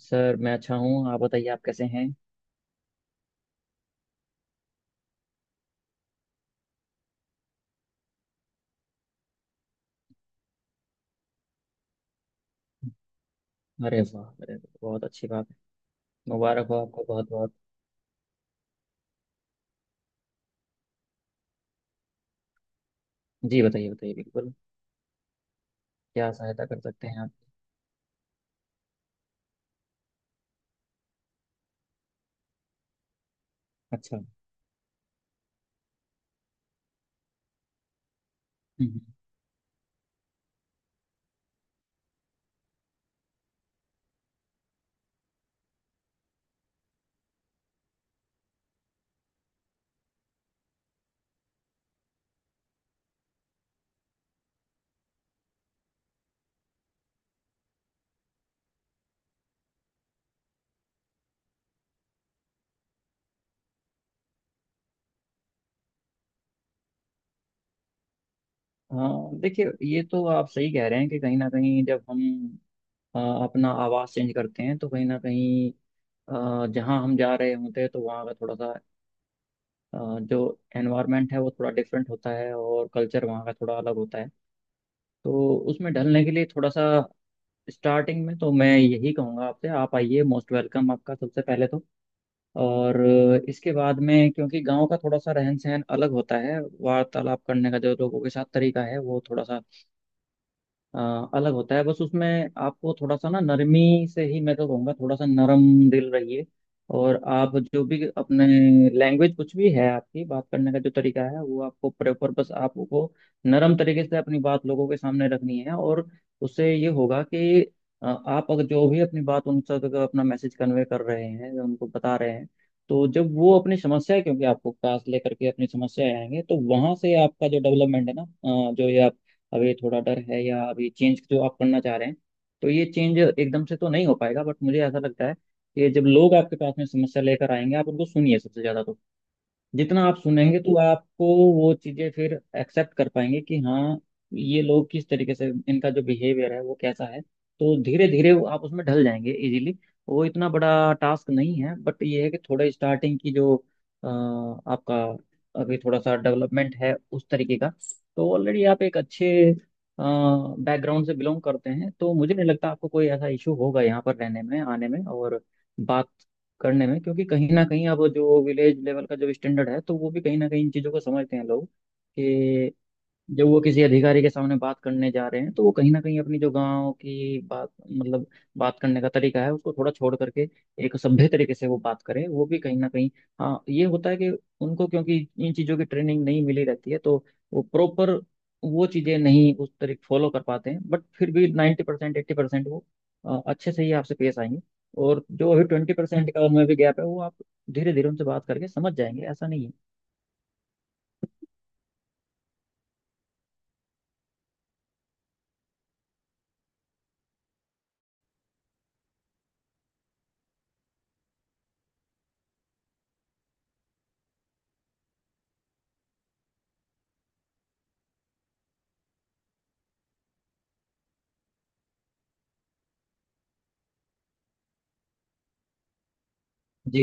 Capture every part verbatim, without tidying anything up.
Sir मैं अच्छा हूँ। आप बताइए आप कैसे हैं। अरे वाह अरे वाह, बहुत अच्छी बात है। मुबारक हो आपको बहुत बहुत। जी बताइए बताइए बिल्कुल। क्या सहायता कर सकते हैं आप। अच्छा। हम्म। हम्म। हाँ देखिए ये तो आप सही कह रहे हैं कि कहीं ना कहीं जब हम अ, अपना आवाज़ चेंज करते हैं तो कहीं ना कहीं अ, जहाँ हम जा रहे होते हैं तो वहाँ का थोड़ा सा अ, जो एनवायरनमेंट है वो थोड़ा डिफरेंट होता है और कल्चर वहाँ का थोड़ा अलग होता है। तो उसमें ढलने के लिए थोड़ा सा स्टार्टिंग में तो मैं यही कहूँगा आपसे। आप आइए मोस्ट वेलकम आपका सबसे पहले तो। और अ, इसके बाद में क्योंकि गांव का थोड़ा सा रहन सहन अलग होता है। वार्तालाप करने का जो लोगों के साथ तरीका है वो थोड़ा सा अ, अलग होता है। बस उसमें आपको थोड़ा सा ना नरमी से ही मैं तो कहूँगा। थोड़ा सा नरम दिल रहिए। और आप जो भी अपने लैंग्वेज कुछ भी है आपकी बात करने का जो तरीका है वो आपको प्रॉपर बस आपको नरम तरीके से अपनी बात लोगों के सामने रखनी है। और उससे ये होगा कि अ, आप अगर जो भी अपनी बात उन तक अपना मैसेज कन्वे कर रहे हैं या उनको बता रहे हैं तो जब वो अपनी समस्या क्योंकि आपको पास लेकर के अपनी समस्या आएंगे तो वहां से आपका जो डेवलपमेंट है ना अ, जो ये आप अब ये थोड़ा डर है या अभी चेंज जो आप करना चाह रहे हैं तो ये चेंज एकदम से तो नहीं हो पाएगा। बट मुझे ऐसा लगता है कि जब लोग आपके पास में समस्या लेकर आएंगे आप उनको सुनिए सबसे ज्यादा। तो जितना आप सुनेंगे तो आपको वो चीजें फिर एक्सेप्ट कर पाएंगे कि हाँ ये लोग किस तरीके से इनका जो बिहेवियर है वो कैसा है। तो धीरे धीरे आप उसमें ढल जाएंगे इजीली। वो इतना बड़ा टास्क नहीं है। बट ये है कि थोड़ा स्टार्टिंग की जो अ, आपका अभी थोड़ा सा डेवलपमेंट है उस तरीके का। तो ऑलरेडी आप एक अच्छे बैकग्राउंड से बिलोंग करते हैं तो मुझे नहीं लगता आपको कोई ऐसा इशू होगा यहाँ पर रहने में आने में और बात करने में। क्योंकि कहीं ना कहीं अब जो विलेज लेवल का जो स्टैंडर्ड है तो वो भी कहीं ना कहीं इन चीज़ों को समझते हैं लोग कि जब वो किसी अधिकारी के सामने बात करने जा रहे हैं तो वो कहीं ना कहीं अपनी जो गांव की बात मतलब बात करने का तरीका है उसको थोड़ा छोड़ करके एक सभ्य तरीके से वो बात करें। वो भी कहीं ना कहीं हाँ ये होता है कि उनको क्योंकि इन चीज़ों की ट्रेनिंग नहीं मिली रहती है तो वो प्रॉपर वो चीज़ें नहीं उस तरीके फॉलो कर पाते हैं। बट फिर भी नाइन्टी परसेंट एट्टी परसेंट वो अ, अच्छे से ही आपसे पेश आएंगे। और जो अभी ट्वेंटी परसेंट का उनमें भी गैप है वो आप धीरे धीरे उनसे बात करके समझ जाएंगे। ऐसा नहीं है। जी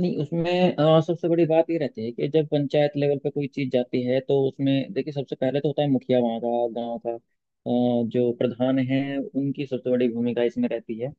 नहीं उसमें अ, सबसे बड़ी बात ये रहती है कि जब पंचायत लेवल पे कोई चीज जाती है तो उसमें देखिए सबसे पहले तो होता है मुखिया वहाँ का गाँव का अ, जो प्रधान है उनकी सबसे बड़ी भूमिका इसमें रहती है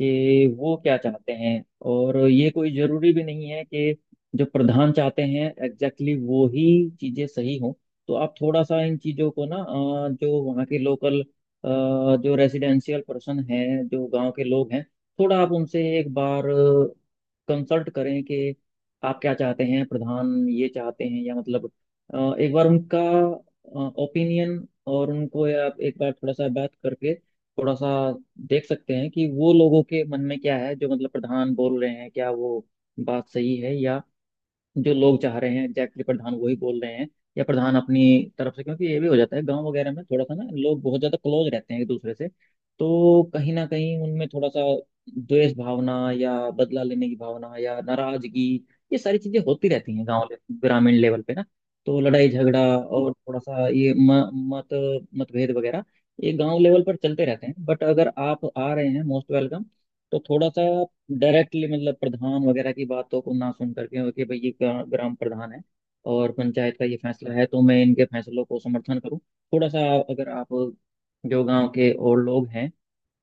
कि वो क्या चाहते हैं। और ये कोई जरूरी भी नहीं है कि जो प्रधान चाहते हैं एग्जैक्टली exactly वो ही चीजें सही हों। तो आप थोड़ा सा इन चीजों को ना अ, जो वहाँ के लोकल जो रेजिडेंशियल पर्सन हैं जो गांव के लोग हैं थोड़ा आप उनसे एक बार कंसल्ट करें कि आप क्या चाहते हैं। प्रधान ये चाहते हैं या मतलब अ, एक बार उनका ओपिनियन और उनको आप एक बार थोड़ा सा बात करके थोड़ा सा देख सकते हैं कि वो लोगों के मन में क्या है। जो मतलब प्रधान बोल रहे हैं क्या वो बात सही है या जो लोग चाह रहे हैं एग्जैक्टली प्रधान वही बोल रहे हैं या प्रधान अपनी तरफ से। क्योंकि ये भी हो जाता है गांव वगैरह में थोड़ा सा ना लोग बहुत ज्यादा क्लोज रहते हैं एक दूसरे से। तो कहीं ना कहीं उनमें थोड़ा सा द्वेष भावना या बदला लेने की भावना या नाराजगी ये सारी चीजें होती रहती हैं गांव ले- ग्रामीण लेवल पे ना। तो लड़ाई झगड़ा और थोड़ा सा ये म, मत मतभेद वगैरह ये गांव लेवल पर चलते रहते हैं। बट अगर आप आ रहे हैं मोस्ट वेलकम। तो थोड़ा सा डायरेक्टली मतलब प्रधान वगैरह की बातों को ना सुन करके कि भाई ये ग्रा- ग्राम प्रधान है और पंचायत का ये फैसला है तो मैं इनके फैसलों को समर्थन करूं। थोड़ा सा अगर आप जो गांव के और लोग हैं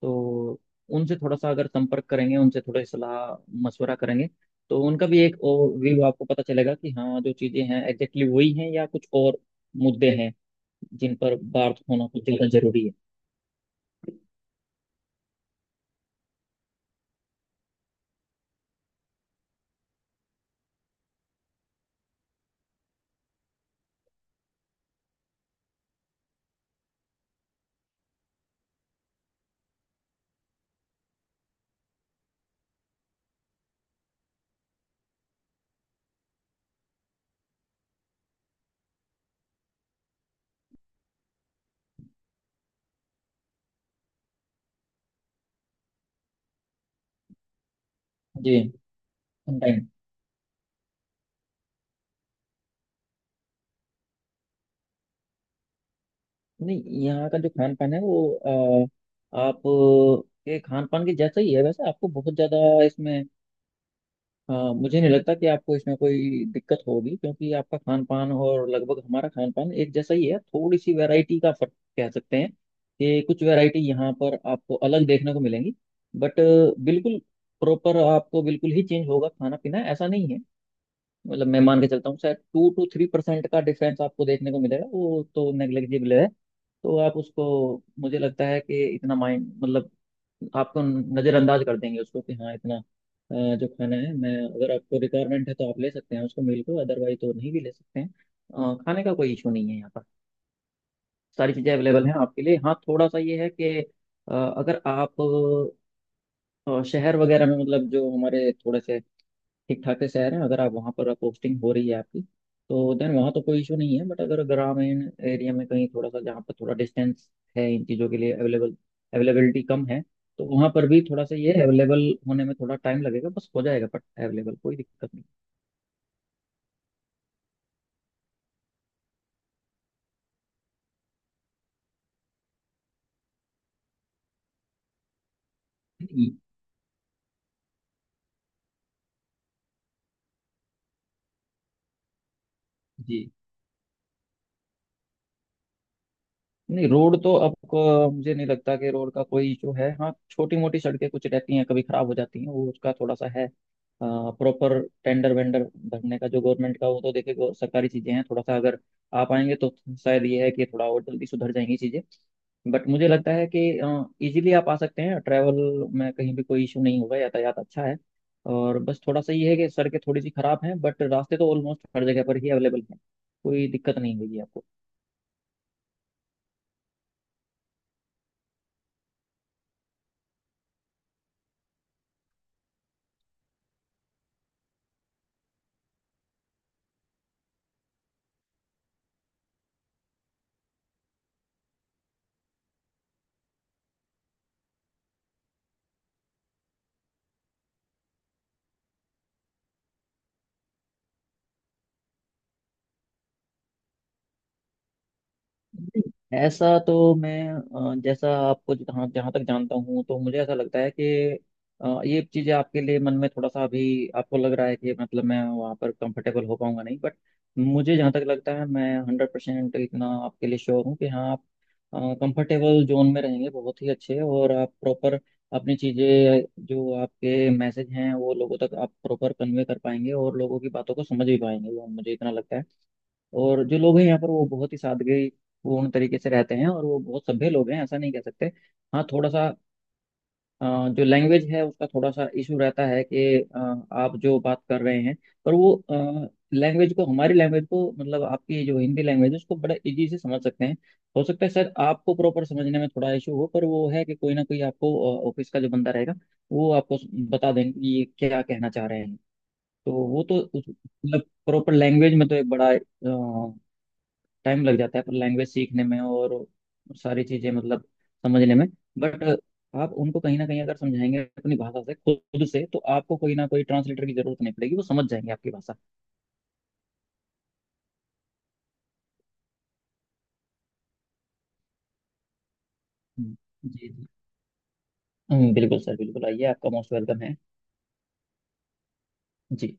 तो उनसे थोड़ा सा अगर संपर्क करेंगे उनसे थोड़ा सलाह मशवरा करेंगे तो उनका भी एक और व्यू आपको पता चलेगा कि हाँ जो चीज़ें हैं एग्जैक्टली वही हैं या कुछ और मुद्दे हैं जिन पर बात होना कुछ ज़्यादा जरूरी है। जी। नहीं यहाँ का जो खान पान है वो अ, आप के खान पान के जैसा ही है। वैसे आपको बहुत ज़्यादा इसमें अ, मुझे नहीं लगता कि आपको इसमें कोई दिक्कत होगी। क्योंकि आपका खान पान और लगभग हमारा खान पान एक जैसा ही है। थोड़ी सी वैरायटी का फर्क कह सकते हैं कि कुछ वैरायटी यहाँ पर आपको अलग देखने को मिलेंगी। बट बिल्कुल प्रॉपर आपको बिल्कुल ही चेंज होगा खाना पीना ऐसा नहीं है। मतलब मैं मान के चलता हूँ शायद टू टू थ्री परसेंट का डिफरेंस आपको देखने को मिलेगा। वो तो नेग्लिजिबल है। तो आप उसको मुझे लगता है कि इतना माइंड मतलब आपको नज़रअंदाज कर देंगे उसको कि हाँ इतना अ, जो खाना है मैं अगर आपको रिक्वायरमेंट है तो आप ले सकते हैं उसको मील को। अदरवाइज तो नहीं भी ले सकते हैं। अ, खाने का कोई इशू नहीं है यहाँ पर। सारी चीज़ें अवेलेबल हैं आपके लिए। हाँ थोड़ा सा ये है कि अ, अगर आप अ, शहर वगैरह में मतलब जो हमारे थोड़े से ठीक ठाक से शहर है अगर आप वहाँ पर पोस्टिंग हो रही है आपकी तो देन वहाँ तो कोई इशू नहीं है। बट अगर ग्रामीण एरिया में कहीं थोड़ा सा जहाँ पर थोड़ा डिस्टेंस है इन चीज़ों के लिए अवेलेबल अवेलेबिलिटी कम है तो वहाँ पर भी थोड़ा सा ये अवेलेबल होने में थोड़ा टाइम लगेगा। बस हो जाएगा। बट अवेलेबल कोई दिक्कत नहीं। जी। नहीं रोड तो अब को- मुझे नहीं लगता कि रोड का कोई इशू है। हाँ छोटी मोटी सड़कें कुछ रहती हैं कभी खराब हो जाती हैं वो उसका थोड़ा सा है। प्रॉपर टेंडर वेंडर भरने का जो गवर्नमेंट का वो तो देखे गो- सरकारी चीजें हैं। थोड़ा सा अगर आप आएंगे तो शायद ये है कि थोड़ा और जल्दी सुधर जाएंगी चीजें। बट मुझे लगता है कि इजीली आप आ सकते हैं। ट्रैवल में कहीं भी कोई इशू नहीं होगा। यातायात अच्छा है। और बस थोड़ा सा ये है कि सड़कें थोड़ी सी खराब हैं बट रास्ते तो ऑलमोस्ट हर जगह पर ही अवेलेबल हैं। कोई दिक्कत नहीं होगी आपको। नहीं, ऐसा तो मैं अ, जैसा आपको जहाँ जहाँ तक जानता हूँ तो मुझे ऐसा लगता है कि अ, ये चीज़ें आपके लिए मन में थोड़ा सा अभी आपको लग रहा है कि मतलब मैं वहाँ पर कंफर्टेबल हो पाऊंगा नहीं। बट मुझे जहाँ तक लगता है मैं हंड्रेड परसेंट इतना आपके लिए श्योर हूँ कि हाँ आप कंफर्टेबल जोन में रहेंगे बहुत ही अच्छे। और आप प्रॉपर अपनी चीज़ें जो आपके मैसेज हैं वो लोगों तक आप प्रॉपर कन्वे कर पाएंगे और लोगों की बातों को समझ भी पाएंगे वो मुझे इतना लगता है। और जो लोग हैं यहाँ पर वो बहुत ही सादगी पूर्ण तरीके से रहते हैं और वो बहुत सभ्य लोग हैं ऐसा नहीं कह सकते। हाँ थोड़ा सा अ, जो लैंग्वेज है उसका थोड़ा सा इशू रहता है कि अ, आप जो बात कर रहे हैं पर वो लैंग्वेज को हमारी लैंग्वेज को मतलब आपकी जो हिंदी लैंग्वेज है उसको बड़ा इजी से समझ सकते हैं। हो सकता है सर आपको प्रॉपर समझने में थोड़ा इशू हो पर वो है कि कोई ना कोई आपको ऑफिस का जो बंदा रहेगा वो आपको बता देंगे कि ये क्या कहना चाह रहे हैं। तो वो तो उस- मतलब प्रॉपर लैंग्वेज में तो एक बड़ा टाइम लग जाता है पर लैंग्वेज सीखने में और सारी चीजें मतलब समझने में। बट आप उनको कहीं ना कहीं अगर समझाएंगे अपनी भाषा से खुद से तो आपको कोई ना कोई ट्रांसलेटर की जरूरत नहीं पड़ेगी। वो समझ जाएंगे आपकी भाषा। हम्म, जी जी। हम्म, बिल्कुल सर बिल्कुल आइए आपका मोस्ट वेलकम है। जी।